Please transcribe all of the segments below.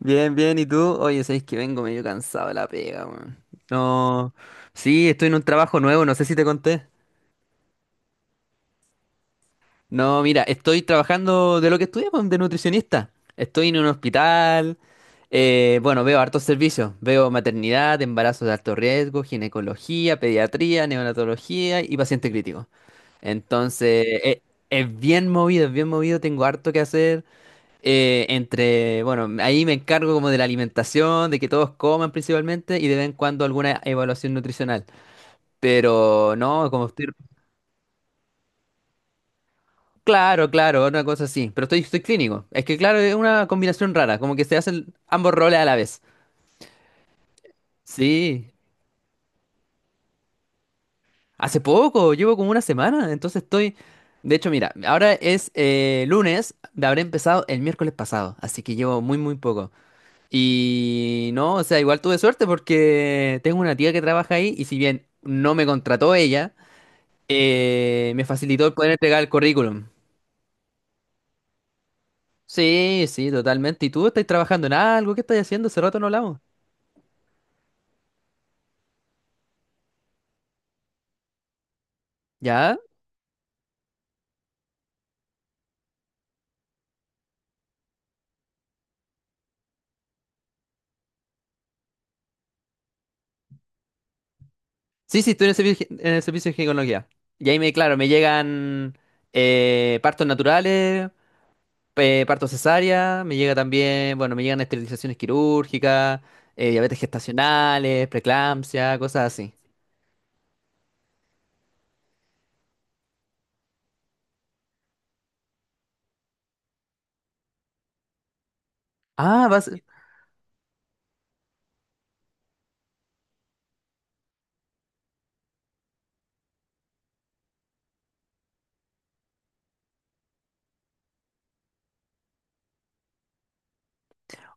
Bien, bien, ¿y tú? Oye, sabes que vengo medio cansado de la pega, weón. No, sí, estoy en un trabajo nuevo, no sé si te conté. No, mira, estoy trabajando de lo que estudié, pues, de nutricionista. Estoy en un hospital, bueno, veo hartos servicios. Veo maternidad, embarazos de alto riesgo, ginecología, pediatría, neonatología y paciente crítico. Entonces, es bien movido, tengo harto que hacer. Bueno, ahí me encargo como de la alimentación, de que todos coman principalmente y de vez en cuando alguna evaluación nutricional. Pero no, como estoy. Claro, claro, una cosa así. Pero estoy clínico. Es que claro, es una combinación rara, como que se hacen ambos roles a la vez. Sí, hace poco, llevo como una semana, entonces estoy. De hecho, mira, ahora es lunes, habré empezado el miércoles pasado, así que llevo muy, muy poco. Y no, o sea, igual tuve suerte porque tengo una tía que trabaja ahí y si bien no me contrató ella, me facilitó el poder entregar el currículum. Sí, sí, totalmente. ¿Y tú estás trabajando en algo? ¿Qué estás haciendo? Hace rato no hablamos. ¿Ya? Sí, sí, estoy en el servicio de ginecología. Y ahí me llegan partos naturales, partos cesárea, me llega también, bueno, me llegan esterilizaciones quirúrgicas, diabetes gestacionales, preeclampsia, cosas así. Ah, vas.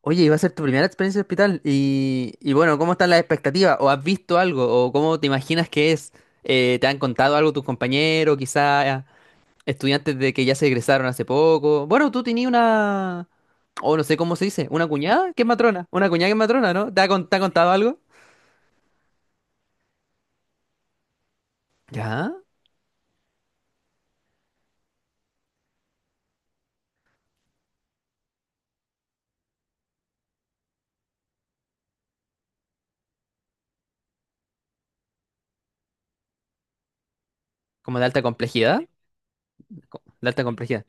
Oye, iba a ser tu primera experiencia en hospital y, bueno, ¿cómo están las expectativas? ¿O has visto algo? ¿O cómo te imaginas que es? ¿Te han contado algo tus compañeros, quizás estudiantes de que ya se egresaron hace poco? Bueno, tú tenías una, o no sé cómo se dice, una cuñada que es matrona, una cuñada que es matrona, ¿no? ¿Te ha contado algo? ¿Ya? ¿Como de alta complejidad? ¿De alta complejidad?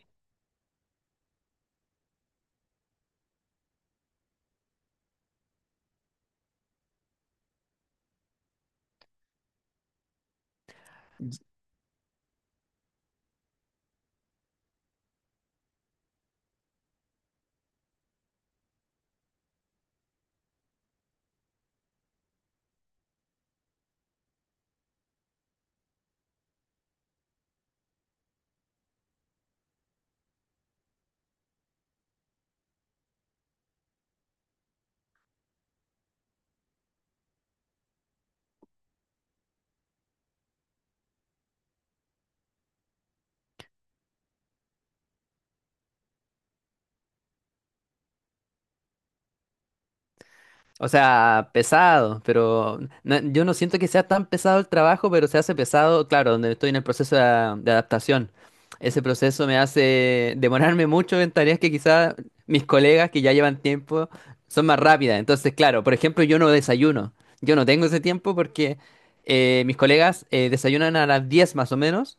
O sea, pesado, pero yo no siento que sea tan pesado el trabajo, pero se hace pesado, claro, donde estoy en el proceso de adaptación. Ese proceso me hace demorarme mucho en tareas que quizás mis colegas que ya llevan tiempo son más rápidas. Entonces, claro, por ejemplo, yo no desayuno. Yo no tengo ese tiempo porque mis colegas desayunan a las 10 más o menos.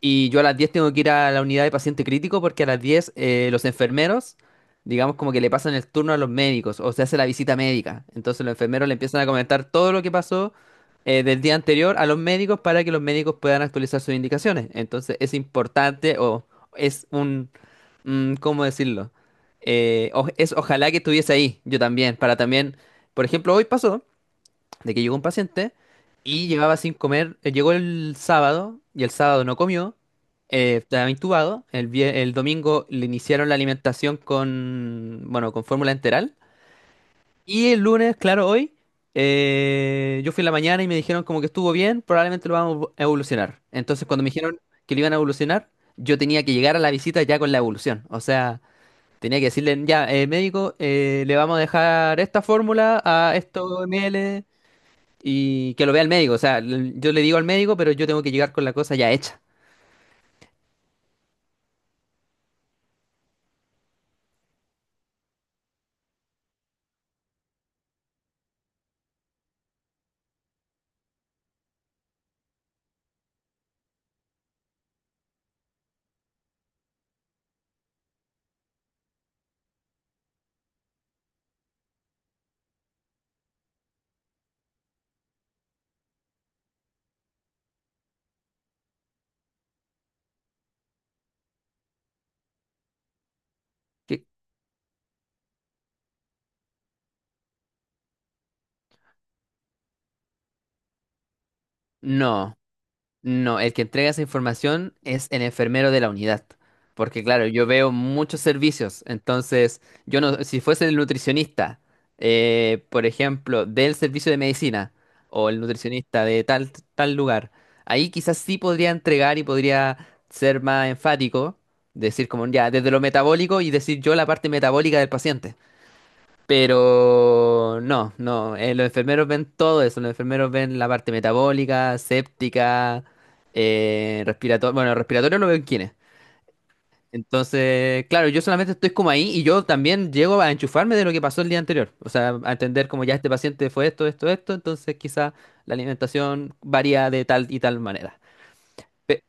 Y yo a las 10 tengo que ir a la unidad de paciente crítico porque a las 10 los enfermeros, digamos, como que le pasan el turno a los médicos o se hace la visita médica. Entonces los enfermeros le empiezan a comentar todo lo que pasó del día anterior a los médicos para que los médicos puedan actualizar sus indicaciones. Entonces es importante o es un, ¿cómo decirlo? Es ojalá que estuviese ahí yo también, para también, por ejemplo, hoy pasó de que llegó un paciente y llevaba sin comer, llegó el sábado y el sábado no comió, estaba intubado, el domingo le iniciaron la alimentación con, bueno, con fórmula enteral y el lunes, claro, hoy, yo fui en la mañana y me dijeron como que estuvo bien, probablemente lo vamos a evolucionar. Entonces cuando me dijeron que lo iban a evolucionar, yo tenía que llegar a la visita ya con la evolución, o sea. Tenía que decirle, ya, médico, le vamos a dejar esta fórmula a estos ml y que lo vea el médico. O sea, yo le digo al médico, pero yo tengo que llegar con la cosa ya hecha. Que- No, no, el que entrega esa información es el enfermero de la unidad. Porque claro, yo veo muchos servicios, entonces yo no, si fuese el nutricionista, por ejemplo, del servicio de medicina o el nutricionista de tal, tal lugar, ahí quizás sí podría entregar y podría ser más enfático, decir como ya, desde lo metabólico y decir yo la parte metabólica del paciente. Pero no, no, los enfermeros ven todo eso, los enfermeros ven la parte metabólica, séptica, respiratoria, bueno, respiratorio lo ven quiénes. Entonces, claro, yo solamente estoy como ahí y yo también llego a enchufarme de lo que pasó el día anterior, o sea, a entender como ya este paciente fue esto, esto, esto, entonces quizá la alimentación varía de tal y tal manera. Pe-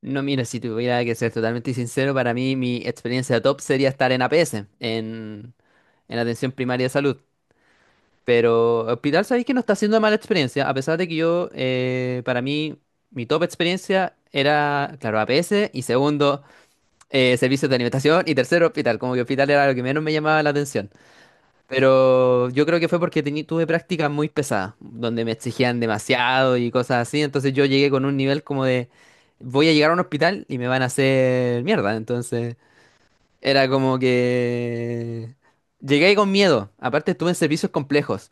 No, mira, si tuviera que ser totalmente sincero, para mí mi experiencia top sería estar en APS, en Atención Primaria de Salud. Pero Hospital, sabéis que no está siendo mala experiencia, a pesar de que yo, para mí, mi top experiencia era, claro, APS, y segundo, servicios de alimentación, y tercero, Hospital. Como que Hospital era lo que menos me llamaba la atención. Pero yo creo que fue porque tuve prácticas muy pesadas, donde me exigían demasiado y cosas así, entonces yo llegué con un nivel como de, voy a llegar a un hospital y me van a hacer mierda, entonces era como que. Llegué con miedo, aparte estuve en servicios complejos.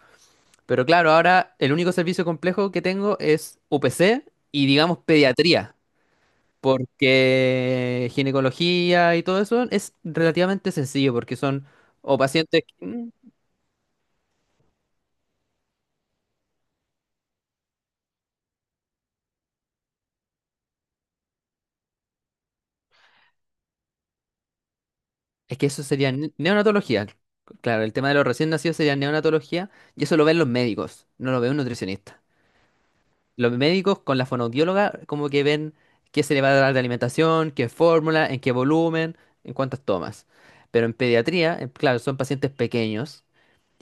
Pero claro, ahora el único servicio complejo que tengo es UPC y digamos pediatría, porque ginecología y todo eso es relativamente sencillo, porque son o pacientes, es que eso sería neonatología. Claro, el tema de los recién nacidos sería neonatología y eso lo ven los médicos, no lo ve un nutricionista. Los médicos con la fonoaudióloga como que ven qué se le va a dar de alimentación, qué fórmula, en qué volumen, en cuántas tomas. Pero en pediatría, claro, son pacientes pequeños.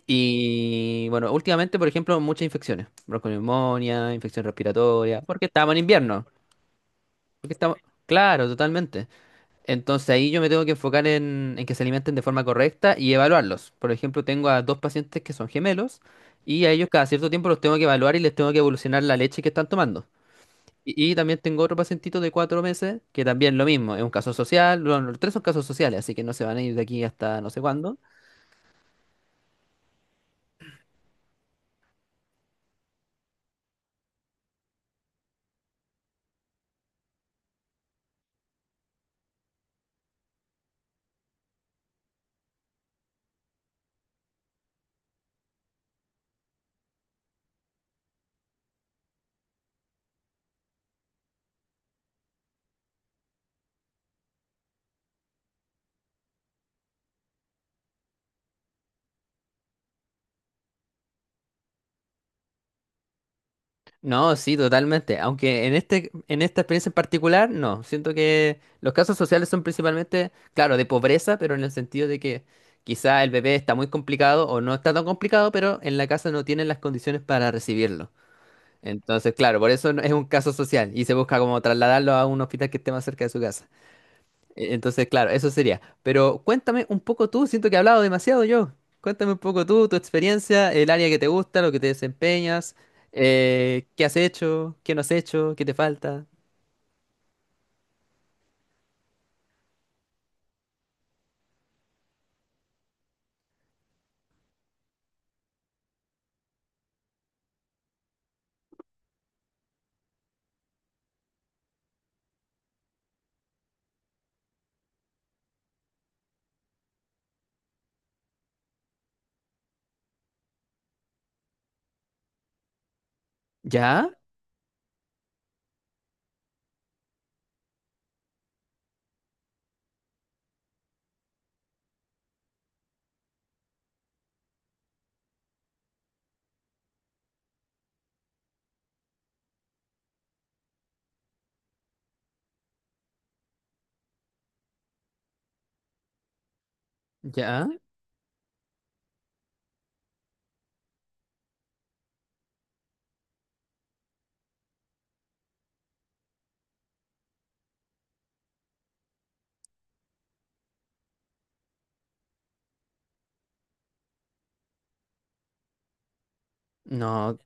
Y bueno, últimamente, por ejemplo, muchas infecciones, bronconeumonía, infección respiratoria, porque estamos en invierno, porque estamos, claro, totalmente. Entonces ahí yo me tengo que enfocar en que se alimenten de forma correcta y evaluarlos. Por ejemplo, tengo a dos pacientes que son gemelos y a ellos cada cierto tiempo los tengo que evaluar y les tengo que evolucionar la leche que están tomando. Y también tengo otro pacientito de 4 meses que también lo mismo, es un caso social, bueno, los tres son casos sociales, así que no se van a ir de aquí hasta no sé cuándo. No, sí, totalmente. Aunque en esta experiencia en particular, no. Siento que los casos sociales son principalmente, claro, de pobreza, pero en el sentido de que quizá el bebé está muy complicado o no está tan complicado, pero en la casa no tienen las condiciones para recibirlo. Entonces, claro, por eso es un caso social y se busca como trasladarlo a un hospital que esté más cerca de su casa. Entonces, claro, eso sería. Pero cuéntame un poco tú, siento que he hablado demasiado yo. Cuéntame un poco tú, tu experiencia, el área que te gusta, lo que te desempeñas, qué has hecho, qué no has hecho, qué te falta. ¿Ya? ¿Ya? No,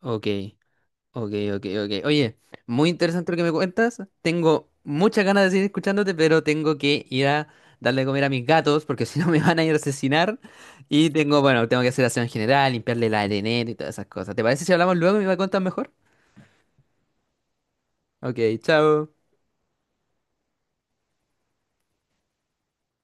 ok, ok, ok, ok. Oye, muy interesante lo que me cuentas. Tengo muchas ganas de seguir escuchándote, pero tengo que ir a darle de comer a mis gatos porque si no me van a ir a asesinar. Y bueno, tengo que hacer aseo en general, limpiarle la arenera y todas esas cosas. ¿Te parece si hablamos luego y me cuentas mejor? Ok, chao.